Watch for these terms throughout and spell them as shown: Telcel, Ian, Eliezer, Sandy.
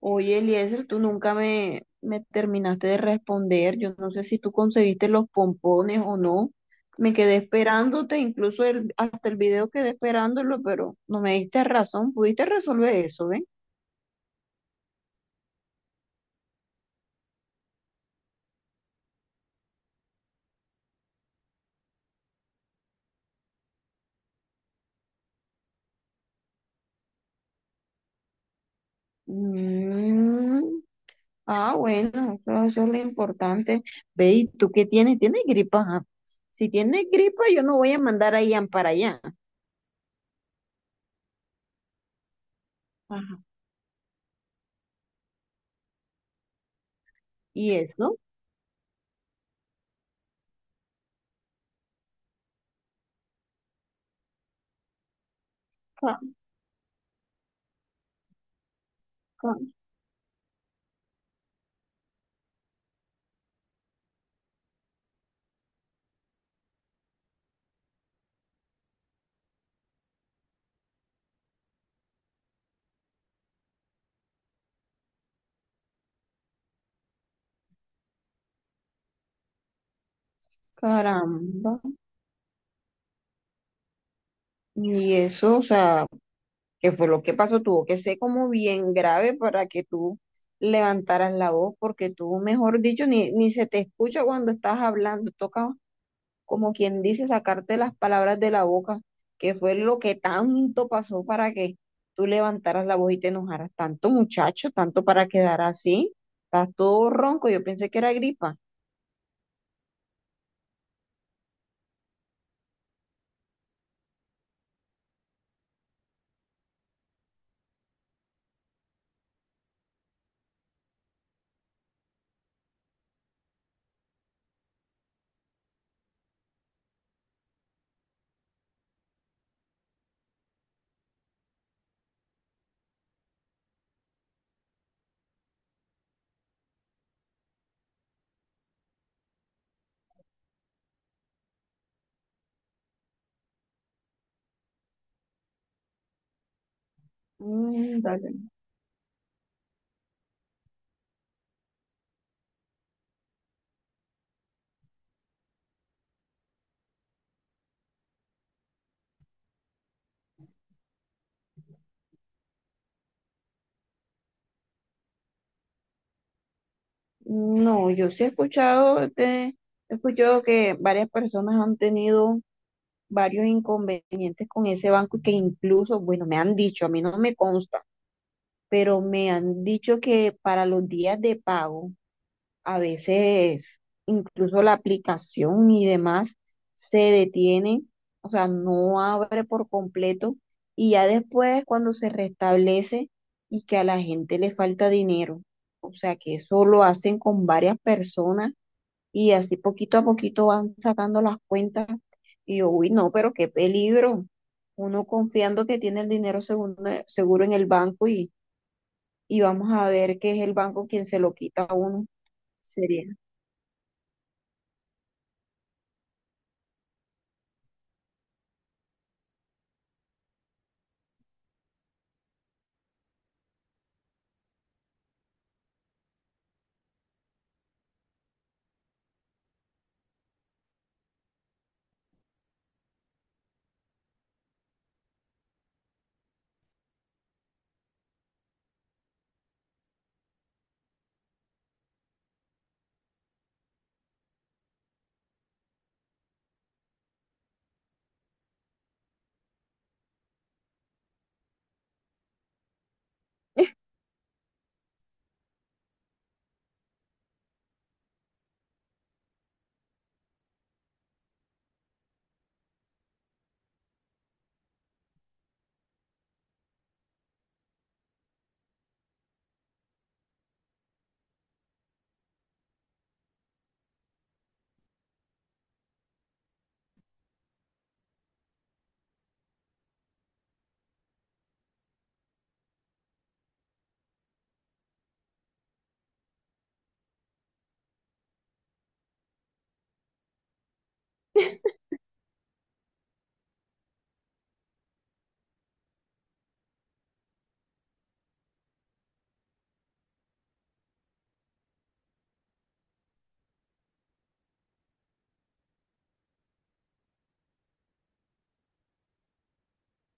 Oye, Eliezer, tú nunca me terminaste de responder. Yo no sé si tú conseguiste los pompones o no. Me quedé esperándote, incluso hasta el video quedé esperándolo, pero no me diste razón. Pudiste resolver eso, ¿ve? Mm, ah, bueno, eso es lo importante. Ve, ¿y tú qué tienes? ¿Tienes gripa? Ajá. Si tienes gripa, yo no voy a mandar a Ian para allá. Ajá. ¿Y eso? Ca- ca- Caramba. Y eso, o sea, que fue lo que pasó, tuvo que ser como bien grave para que tú levantaras la voz, porque tú, mejor dicho, ni se te escucha cuando estás hablando, toca como quien dice sacarte las palabras de la boca, que fue lo que tanto pasó para que tú levantaras la voz y te enojaras, tanto muchacho, tanto para quedar así, estás todo ronco, yo pensé que era gripa. Mm, dale. No, yo sí he escuchado, he escuchado que varias personas han tenido varios inconvenientes con ese banco y que incluso, bueno, me han dicho, a mí no me consta, pero me han dicho que para los días de pago, a veces incluso la aplicación y demás se detiene, o sea, no abre por completo y ya después cuando se restablece y que a la gente le falta dinero, o sea, que eso lo hacen con varias personas y así poquito a poquito van sacando las cuentas. Y yo, uy, no, pero qué peligro. Uno confiando que tiene el dinero seguro, seguro en el banco y vamos a ver que es el banco quien se lo quita a uno. Sería,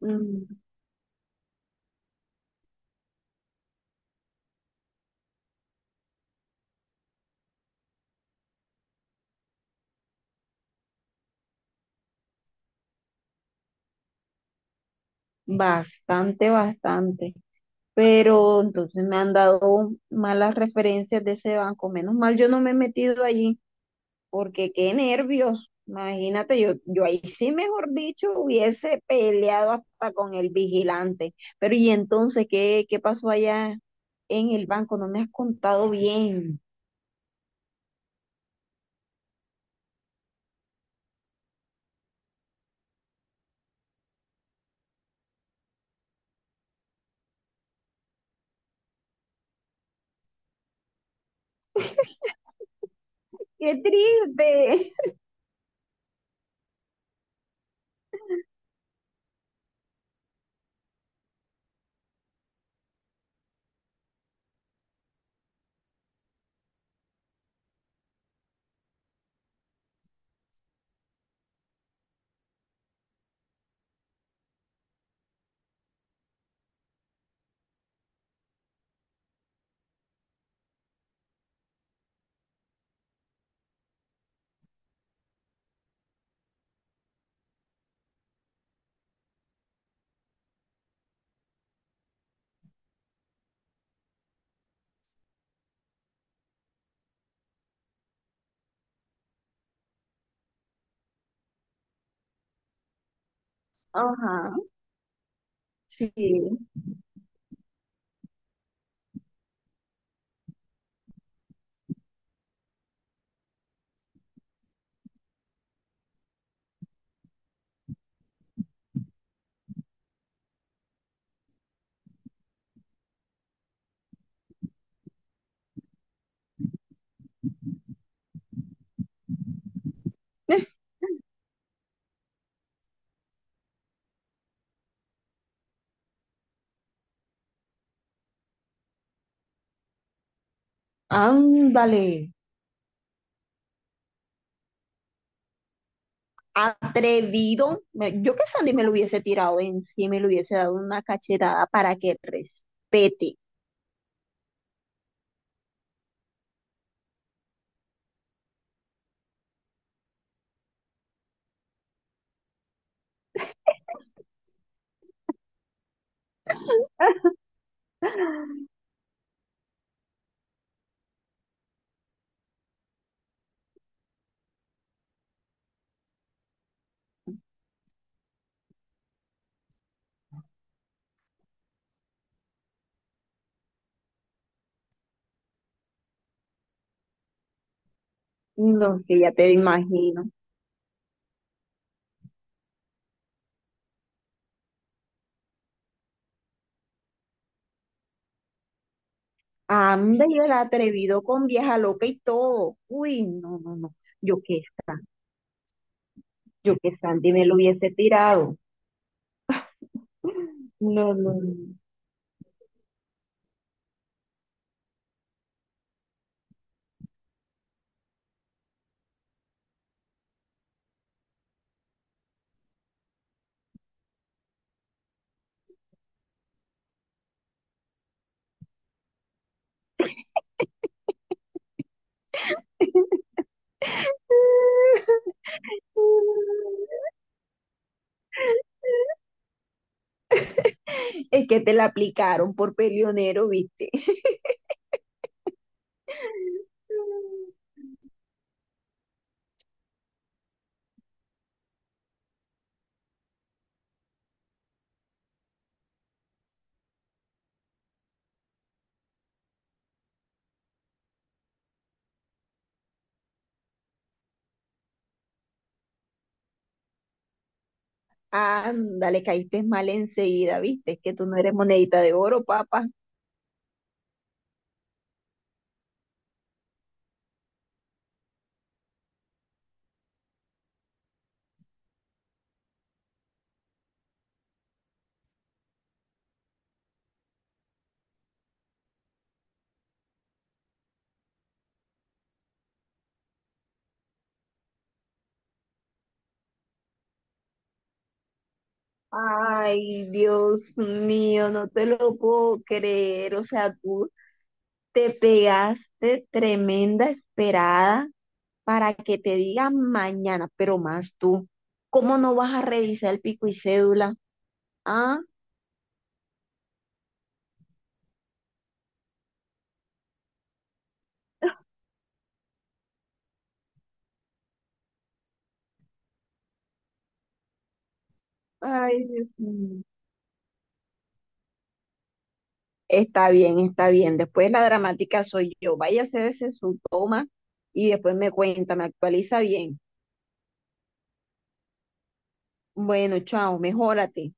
mm, bastante, bastante. Pero entonces me han dado malas referencias de ese banco. Menos mal yo no me he metido allí porque qué nervios. Imagínate, yo ahí sí, mejor dicho, hubiese peleado hasta con el vigilante. Pero ¿y entonces qué pasó allá en el banco? No me has contado bien. ¡Qué triste! Ajá, sí. Ándale, atrevido. Me- Yo que Sandy me lo hubiese tirado encima y le hubiese dado una cachetada para que respete. No, que ya te imagino. Anda y el atrevido con vieja loca y todo. Uy, no, no, no. Yo que, yo que Sandy me lo hubiese tirado. No, no, no. Es que te la aplicaron por peleonero, ¿viste? Anda, le caíste mal enseguida, ¿viste? Es que tú no eres monedita de oro, papá. Ay, Dios mío, no te lo puedo creer. O sea, tú te pegaste tremenda esperada para que te digan mañana, pero más tú, ¿cómo no vas a revisar el pico y cédula? Ah, ay, Dios mío. Está bien, está bien. Después la dramática soy yo. Vaya a hacerse su toma y después me cuenta, me actualiza bien. Bueno, chao, mejórate.